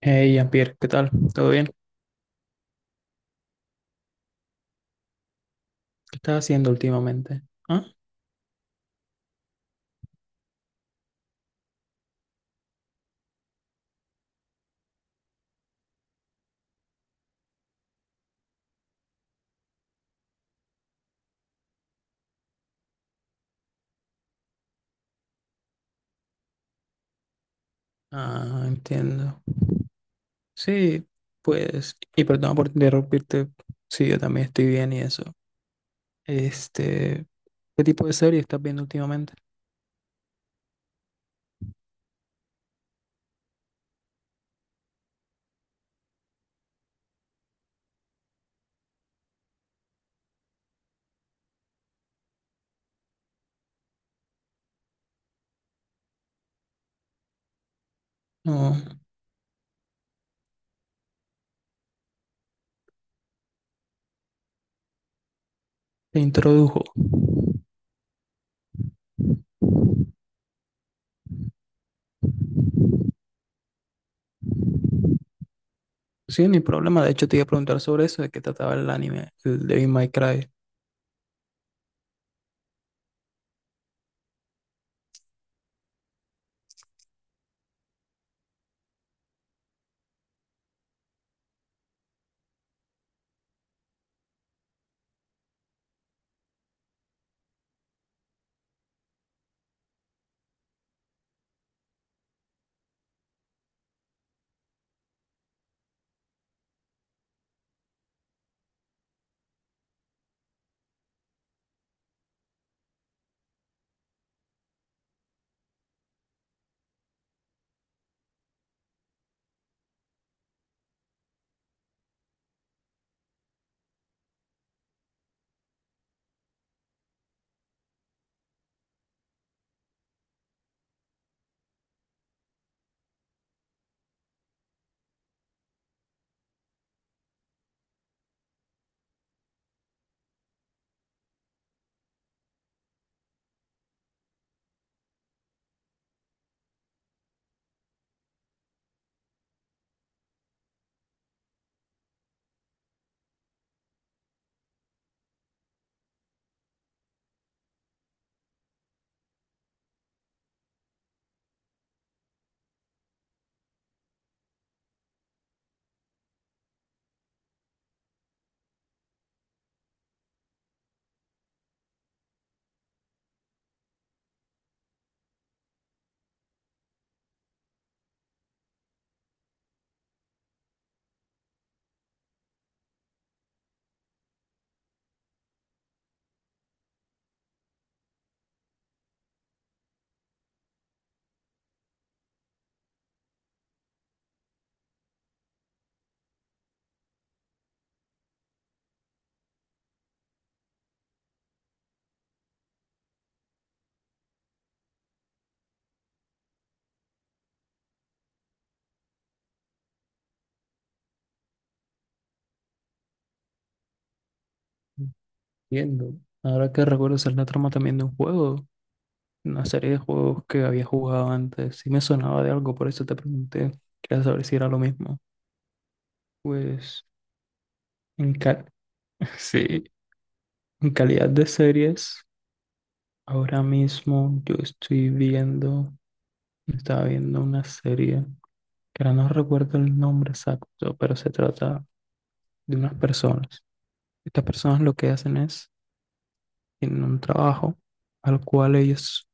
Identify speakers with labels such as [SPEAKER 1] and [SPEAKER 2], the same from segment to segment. [SPEAKER 1] Hey, Jean-Pierre, ¿qué tal? ¿Todo bien? ¿Qué estás haciendo últimamente? ¿Ah? Ah, entiendo. Sí, pues, y perdón por interrumpirte, sí, yo también estoy bien y eso. Este, ¿Qué tipo de serie estás viendo últimamente? No, te introdujo. Sí, ni problema. De hecho, te iba a preguntar sobre eso, de qué trataba el anime, el Devil May Cry. Entiendo. Ahora que recuerdo, esa es la trama también de un juego, una serie de juegos que había jugado antes. Sí me sonaba de algo, por eso te pregunté. Quería saber si era lo mismo. Pues, en ca- sí, en calidad de series, ahora mismo yo estoy viendo, estaba viendo una serie, que ahora no recuerdo el nombre exacto, pero se trata de unas personas. Estas personas lo que hacen es tienen un trabajo al cual ellos,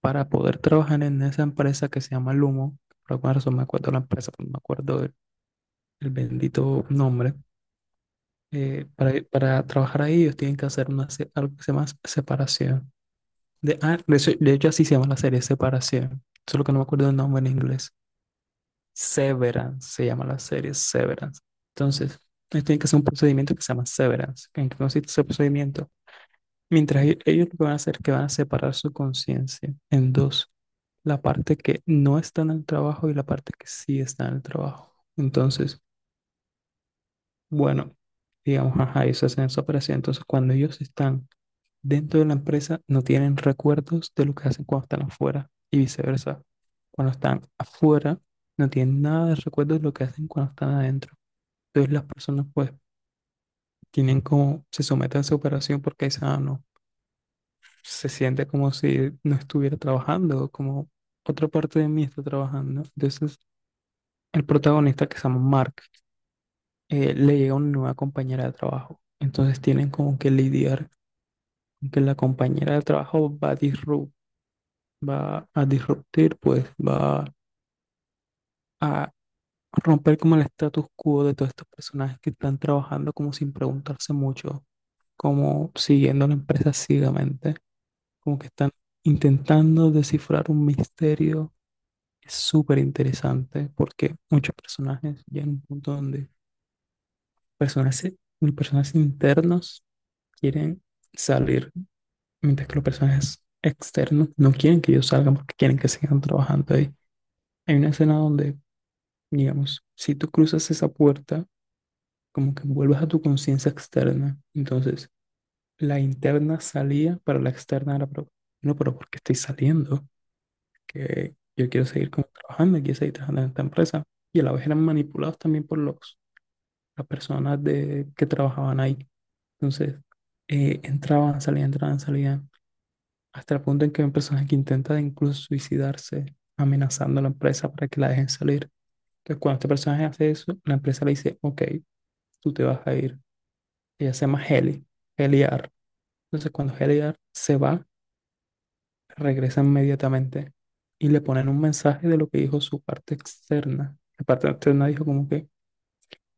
[SPEAKER 1] para poder trabajar en esa empresa que se llama Lumo, por alguna razón me acuerdo de la empresa, no me acuerdo el bendito nombre, para trabajar ahí ellos tienen que hacer una, algo que se llama separación. De hecho así se llama la serie, separación, solo que no me acuerdo el nombre en inglés. Severance se llama la serie, Severance. Entonces, ellos tienen que hacer un procedimiento que se llama Severance. ¿En qué consiste ese procedimiento? Ellos lo que van a hacer es que van a separar su conciencia en dos: la parte que no está en el trabajo y la parte que sí está en el trabajo. Entonces, bueno, digamos, ajá, ellos hacen esa operación. Entonces, cuando ellos están dentro de la empresa, no tienen recuerdos de lo que hacen cuando están afuera y viceversa. Cuando están afuera, no tienen nada de recuerdos de lo que hacen cuando están adentro. Entonces, las personas, pues, tienen como, se someten a esa operación porque dicen, ah, no, se siente como si no estuviera trabajando, como otra parte de mí está trabajando. Entonces, el protagonista que se llama Mark, le llega una nueva compañera de trabajo. Entonces tienen como que lidiar con que la compañera de trabajo va a disruptir, pues va a romper como el status quo de todos estos personajes que están trabajando como sin preguntarse mucho, como siguiendo la empresa ciegamente, como que están intentando descifrar un misterio. Es súper interesante porque muchos personajes llegan a un punto donde personajes, personajes internos quieren salir, mientras que los personajes externos no quieren que ellos salgan porque quieren que sigan trabajando ahí. Hay una escena donde, digamos, si tú cruzas esa puerta, como que vuelves a tu conciencia externa. Entonces, la interna salía, pero la externa era, pero, no, pero ¿por qué estoy saliendo? Que yo quiero seguir como trabajando, quiero seguir trabajando en esta empresa. Y a la vez eran manipulados también por las personas de, que trabajaban ahí. Entonces, entraban, salían, entraban, salían, hasta el punto en que hay un personaje que intenta de incluso suicidarse amenazando a la empresa para que la dejen salir. Entonces, cuando este personaje hace eso, la empresa le dice, ok, tú te vas a ir. Ella se llama Heli, Heliar. Entonces, cuando Heliar se va, regresa inmediatamente y le ponen un mensaje de lo que dijo su parte externa. La parte externa dijo como que,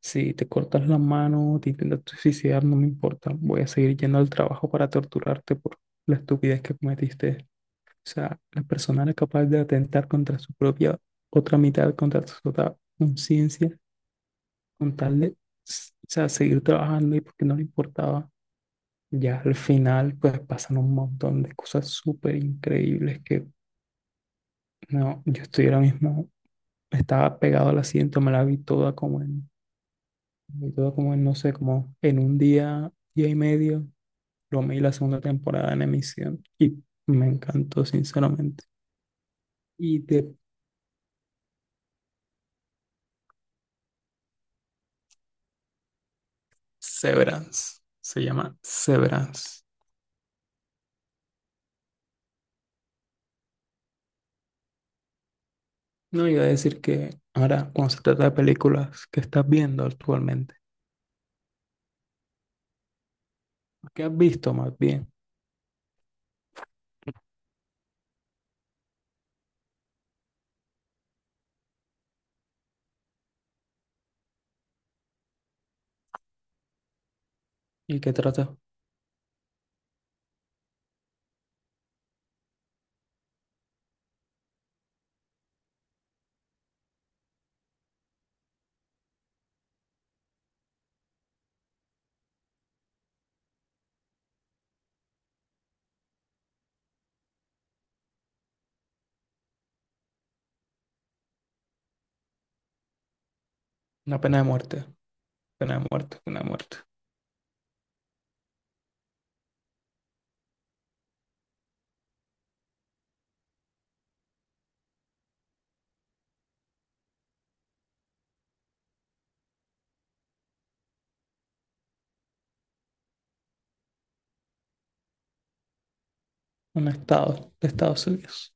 [SPEAKER 1] si te cortas la mano, te intentas suicidar, no me importa, voy a seguir yendo al trabajo para torturarte por la estupidez que cometiste. O sea, la persona era capaz de atentar contra su propia otra mitad, contra su otra conciencia, con tal de, o sea, seguir trabajando y porque no le importaba. Ya al final, pues pasan un montón de cosas súper increíbles que, no, yo estoy ahora mismo, estaba pegado al asiento, me la vi toda como en, me vi toda como en, no sé, como en un día, día y medio, lo vi la segunda temporada en emisión y me encantó, sinceramente. Y de Severance. Se llama Severance. No iba a decir que ahora, cuando se trata de películas que estás viendo actualmente, que has visto más bien, y que trata una pena de muerte, pena de muerte, pena de muerte, un estado de Estados Unidos.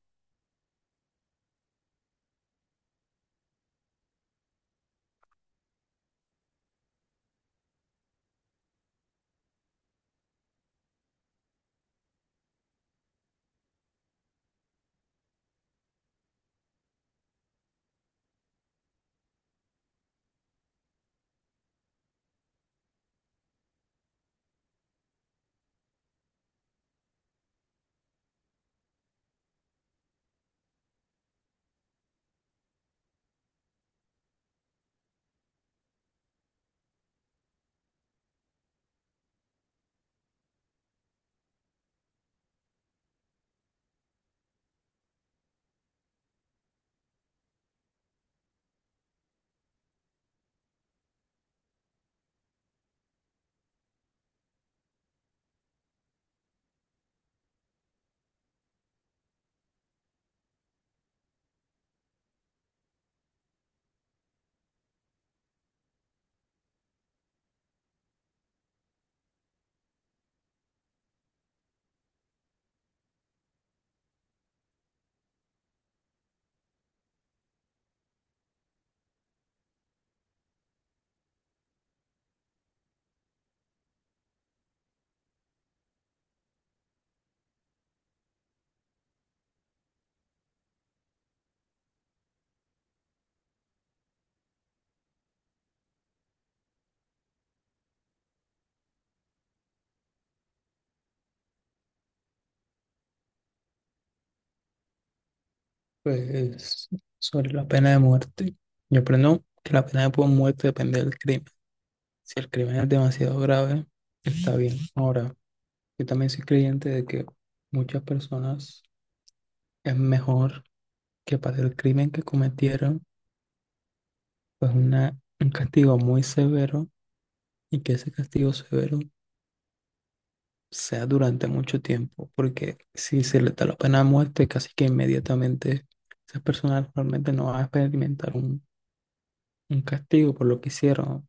[SPEAKER 1] Pues sobre la pena de muerte, yo aprendo que la pena de muerte depende del crimen. Si el crimen es demasiado grave, está bien. Ahora, yo también soy creyente de que muchas personas es mejor que para el crimen que cometieron pues una, un castigo muy severo y que ese castigo severo sea durante mucho tiempo, porque si se le da la pena de muerte, casi que inmediatamente esas personas realmente no van a experimentar un castigo por lo que hicieron.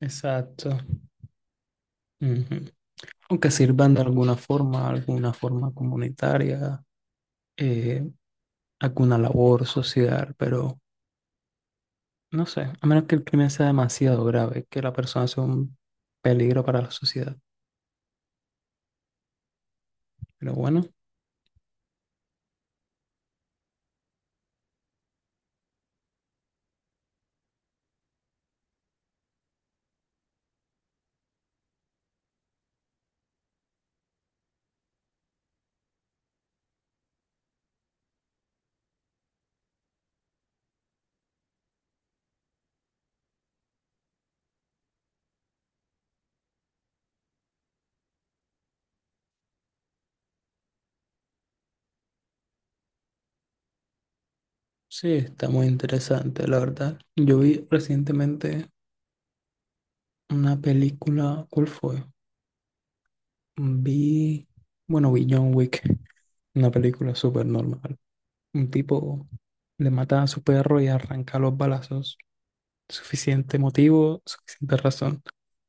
[SPEAKER 1] Exacto. Ujú. O que sirvan de alguna forma comunitaria, eh, alguna labor social, pero no sé, a menos que el crimen sea demasiado grave, que la persona sea un peligro para la sociedad. Pero bueno. Sí, está muy interesante, la verdad. Yo vi recientemente una película, ¿cuál fue? Vi, bueno, vi John Wick, una película súper normal. Un tipo le mata a su perro y arranca los balazos. Suficiente motivo, suficiente razón.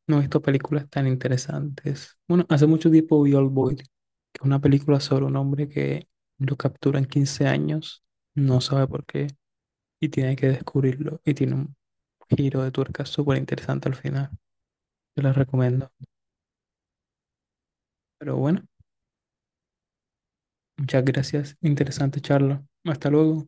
[SPEAKER 1] No he visto películas tan interesantes. Bueno, hace mucho tiempo vi Old Boy, que es una película sobre un hombre que lo capturan 15 años, no sabe por qué, y tiene que descubrirlo, y tiene un giro de tuerca súper interesante al final. Te las recomiendo. Pero bueno, muchas gracias. Interesante charla. Hasta luego.